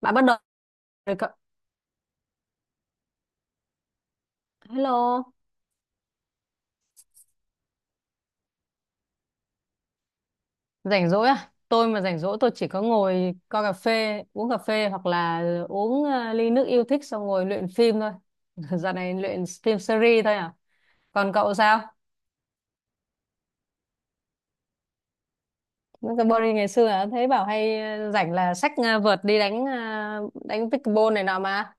Bạn bắt đầu rồi cậu. Hello. Rảnh rỗi à? Tôi mà rảnh rỗi tôi chỉ có ngồi coi cà phê, uống cà phê hoặc là uống ly nước yêu thích xong ngồi luyện phim thôi. Dạo này luyện phim series thôi à? Còn cậu sao? Những cái body ngày xưa à? Thấy bảo hay rảnh là xách vợt đi đánh pickleball này nọ mà.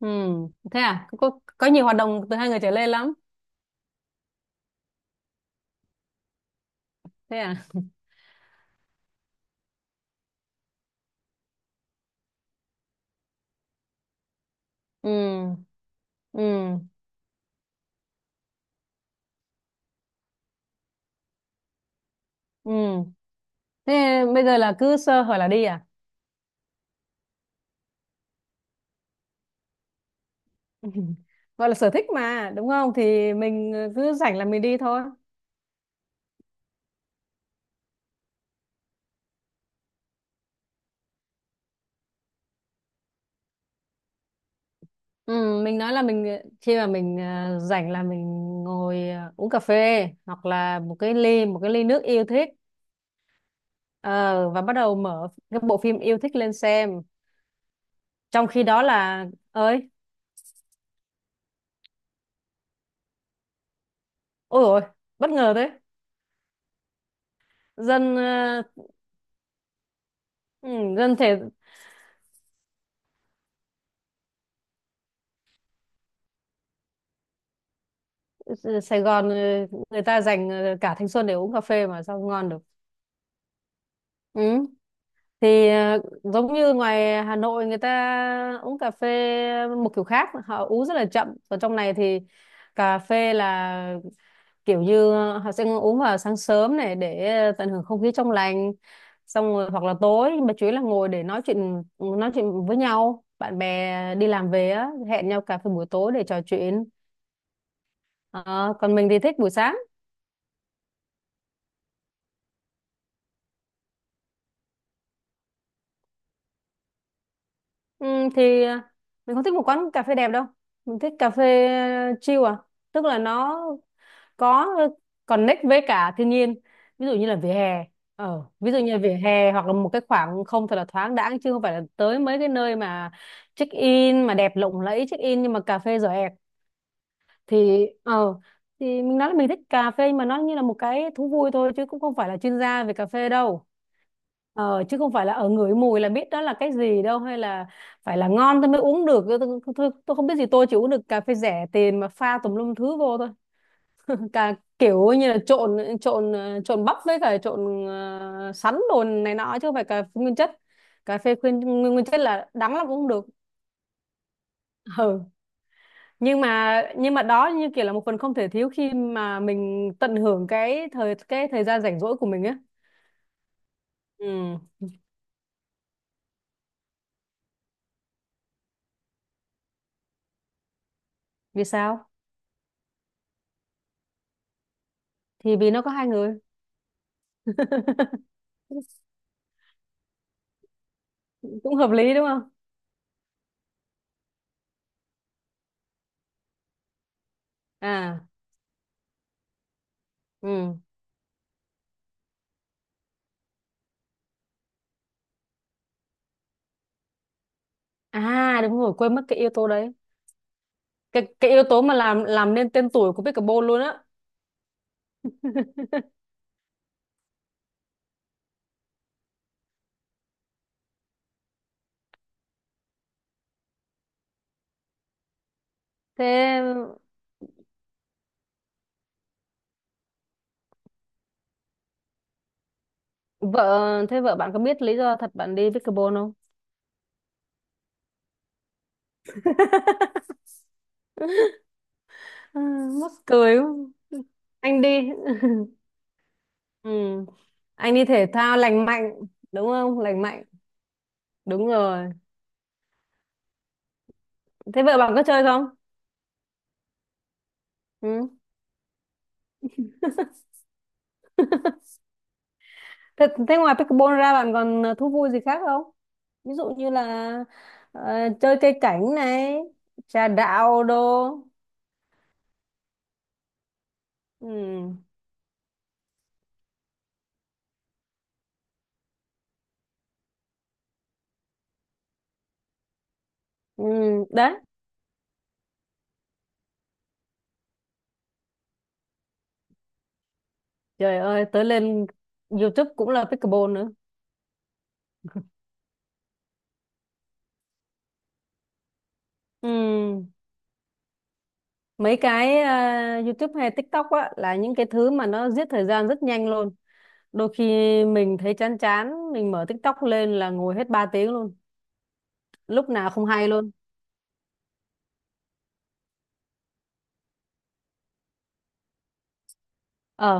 Ừ, thế à? Có, có nhiều hoạt động từ hai người trở lên lắm. Thế à? Ừ, ừ, ừ. Thế bây giờ là cứ sơ hở là đi à? Gọi là sở thích mà đúng không, thì mình cứ rảnh là mình đi thôi. Ừ, mình nói là mình, khi mà mình rảnh là mình ngồi uống cà phê hoặc là một cái ly nước yêu thích. Ờ, và bắt đầu mở cái bộ phim yêu thích lên xem trong khi đó là ơi. Ôi rồi, bất ngờ thế. dân ờ, ừ, Dân thể Sài Gòn người ta dành cả thanh xuân để uống cà phê mà sao ngon được. Ừ. Giống như ngoài Hà Nội người ta uống cà phê một kiểu khác, họ uống rất là chậm, còn trong này thì cà phê là kiểu như họ sẽ uống vào sáng sớm này để tận hưởng không khí trong lành, xong rồi hoặc là tối, nhưng mà chủ yếu là ngồi để nói chuyện với nhau, bạn bè đi làm về á hẹn nhau cà phê buổi tối để trò chuyện. Ờ, còn mình thì thích buổi sáng. ừ, thì ờ, mình không thích một quán cà phê đẹp đâu, mình thích cà phê chill à, tức là nó có connect với cả thiên nhiên, ví dụ như là vỉa hè. Hoặc là một cái khoảng không thật là thoáng đãng, chứ không phải là tới mấy cái nơi mà check in mà đẹp lộng lẫy check in nhưng mà cà phê giỏ ẹc. Thì ờ thì mình nói là mình thích cà phê nhưng mà nó như là một cái thú vui thôi chứ cũng không phải là chuyên gia về cà phê đâu. Ờ, chứ không phải là ở ngửi mùi là biết đó là cái gì đâu, hay là phải là ngon tôi mới uống được. Không biết gì, tôi chỉ uống được cà phê rẻ tiền mà pha tùm lum thứ vô thôi, cả kiểu như là trộn trộn ờ, trộn bắp với cả trộn sắn đồ này nọ chứ không phải cà phê nguyên chất. Cà phê nguyên chất là đắng lắm cũng không được. Ừ. nhưng mà đó như kiểu là một phần không thể thiếu khi mà mình tận hưởng cái thời gian rảnh rỗi của mình á. Ừ. Vì sao? Thì vì nó có hai người. Cũng hợp lý đúng không? À, ừ. À, đúng rồi, quên mất cái yếu tố đấy. Cái yếu tố mà làm nên tên tuổi của Pickleball luôn á. thế Thế vợ bạn có biết lý do thật bạn đi pickleball không? Ừ, mắc cười quá. Anh đi. Ừ. Anh đi thể thao lành mạnh đúng không? Lành mạnh, đúng rồi. Thế vợ bạn có chơi không? Ừ. Thế ngoài pickleball ra bạn còn thú vui gì khác không? Ví dụ như là ờ, chơi cây cảnh này, trà đạo đồ. Ừ. Ừ. Đấy. Trời ơi, tới lên YouTube cũng là pickleball nữa. Ừ. Mấy cái YouTube hay TikTok á là những cái thứ mà nó giết thời gian rất nhanh luôn. Đôi khi mình thấy chán chán mình mở TikTok lên là ngồi hết 3 tiếng luôn, lúc nào không hay luôn. ờ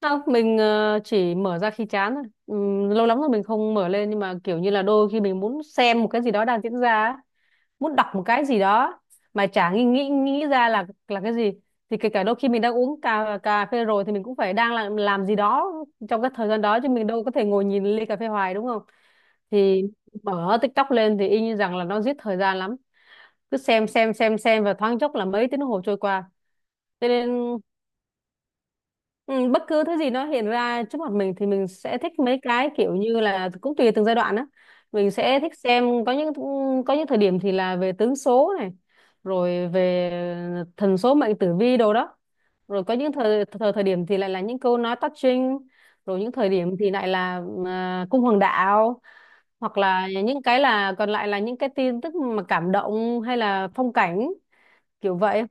Không, mình chỉ mở ra khi chán thôi. Lâu lắm rồi mình không mở lên, nhưng mà kiểu như là đôi khi mình muốn xem một cái gì đó đang diễn ra á, muốn đọc một cái gì đó mà chả nghĩ nghĩ nghĩ ra là cái gì. Thì kể cả đôi khi mình đang uống cà cà phê rồi thì mình cũng phải đang làm gì đó trong cái thời gian đó chứ mình đâu có thể ngồi nhìn ly cà phê hoài đúng không, thì mở TikTok lên thì y như rằng là nó giết thời gian lắm, cứ xem và thoáng chốc là mấy tiếng đồng hồ trôi qua, cho nên. Ừ, bất cứ thứ gì nó hiện ra trước mặt mình thì mình sẽ thích. Mấy cái kiểu như là cũng tùy từng giai đoạn á, mình sẽ thích xem. Có những thời điểm thì là về tướng số này, rồi về thần số mệnh tử vi đồ đó, rồi có những thời thời, thời điểm thì lại là những câu nói touching, rồi những thời điểm thì lại là cung hoàng đạo, hoặc là những cái là còn lại là những cái tin tức mà cảm động hay là phong cảnh kiểu vậy,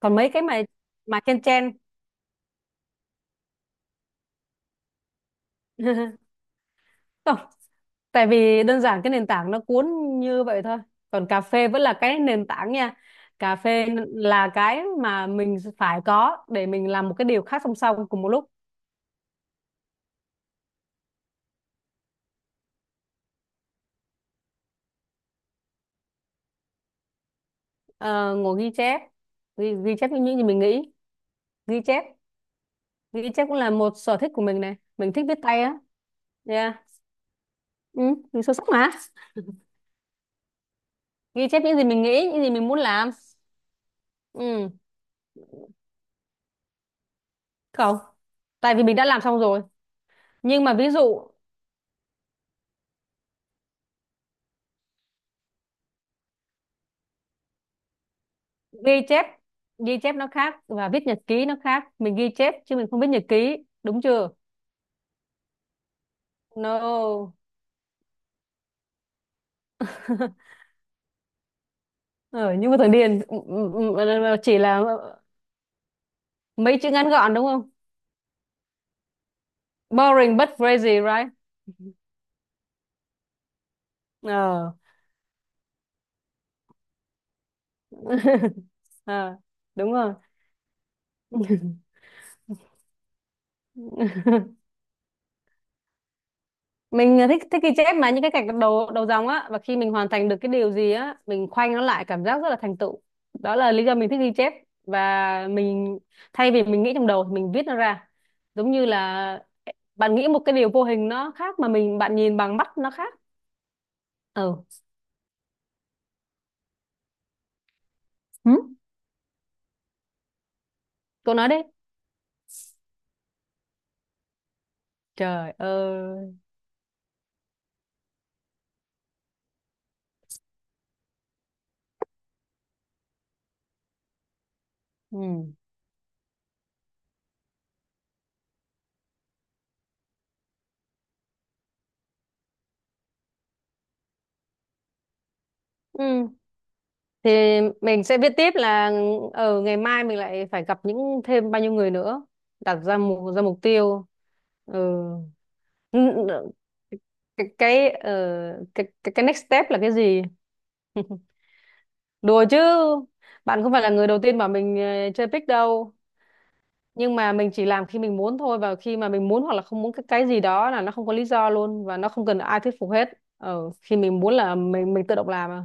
còn mấy cái mà chen chen. Tại vì đơn giản cái nền tảng nó cuốn như vậy thôi, còn cà phê vẫn là cái nền tảng nha, cà phê là cái mà mình phải có để mình làm một cái điều khác song song cùng một lúc. Ờ, ngồi ghi chép, ghi chép những gì mình nghĩ. Ghi chép. Ghi chép cũng là một sở thích của mình này, mình thích viết tay á. Yeah. Ừ, mình sâu sắc mà. Ghi chép những gì mình nghĩ, những gì mình muốn làm. Ừ. Không, tại vì mình đã làm xong rồi. Nhưng mà ví dụ ghi chép ghi chép nó khác và viết nhật ký nó khác, mình ghi chép chứ mình không viết nhật ký, đúng chưa? No. Ở, nhưng mà thằng điền, ừ, ừ, ừ, chỉ là mấy chữ ngắn gọn đúng không? Boring but crazy, right? Ờ. Ờ, đúng rồi. Mình thích thích ghi chép mà những cái gạch đầu đầu dòng á, và khi mình hoàn thành được cái điều gì á mình khoanh nó lại, cảm giác rất là thành tựu. Đó là lý do mình thích ghi chép. Và mình, thay vì mình nghĩ trong đầu thì mình viết nó ra, giống như là bạn nghĩ một cái điều vô hình nó khác mà mình bạn nhìn bằng mắt nó khác. Ừ. Ừ. Cô nói đi. Trời ơi. Ừ. Ừ, thì mình sẽ viết tiếp là ở ngày mai mình lại phải gặp những thêm bao nhiêu người nữa, đặt ra mục tiêu. Ừ. N- cái cái ờ, cái next step là cái gì? Đùa chứ, bạn không phải là người đầu tiên mà mình chơi pick đâu, nhưng mà mình chỉ làm khi mình muốn thôi, và khi mà mình muốn hoặc là không muốn cái gì đó là nó không có lý do luôn và nó không cần ai thuyết phục hết. Ờ, khi mình muốn là mình tự động làm à.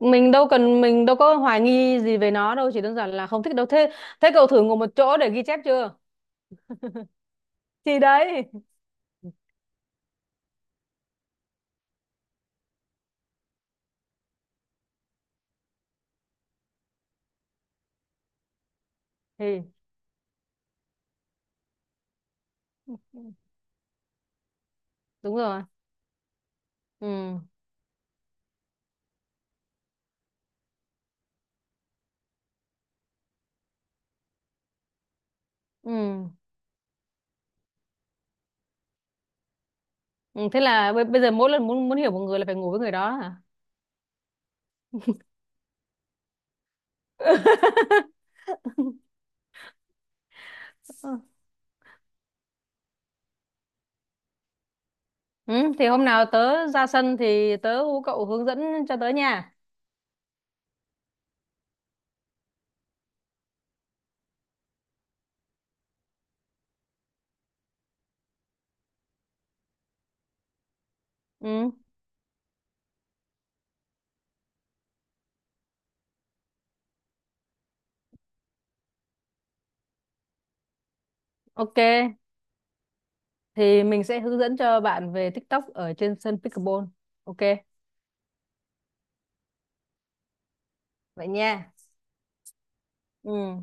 Mình đâu cần, mình đâu có hoài nghi gì về nó đâu, chỉ đơn giản là không thích đâu thế. Thế cậu thử ngồi một chỗ để ghi chép chưa? Thì đấy. Thì đúng rồi. Ừ. Ừ. Ừ, thế là bây giờ mỗi lần muốn muốn hiểu một người là phải ngủ với người đó hả? Ừ, thì hôm nào tớ ra sân thì tớ hú cậu hướng dẫn cho tớ nha. Ừ, ok. Thì mình sẽ hướng dẫn cho bạn về TikTok ở trên sân pickleball. Ok, vậy nha. Ừ.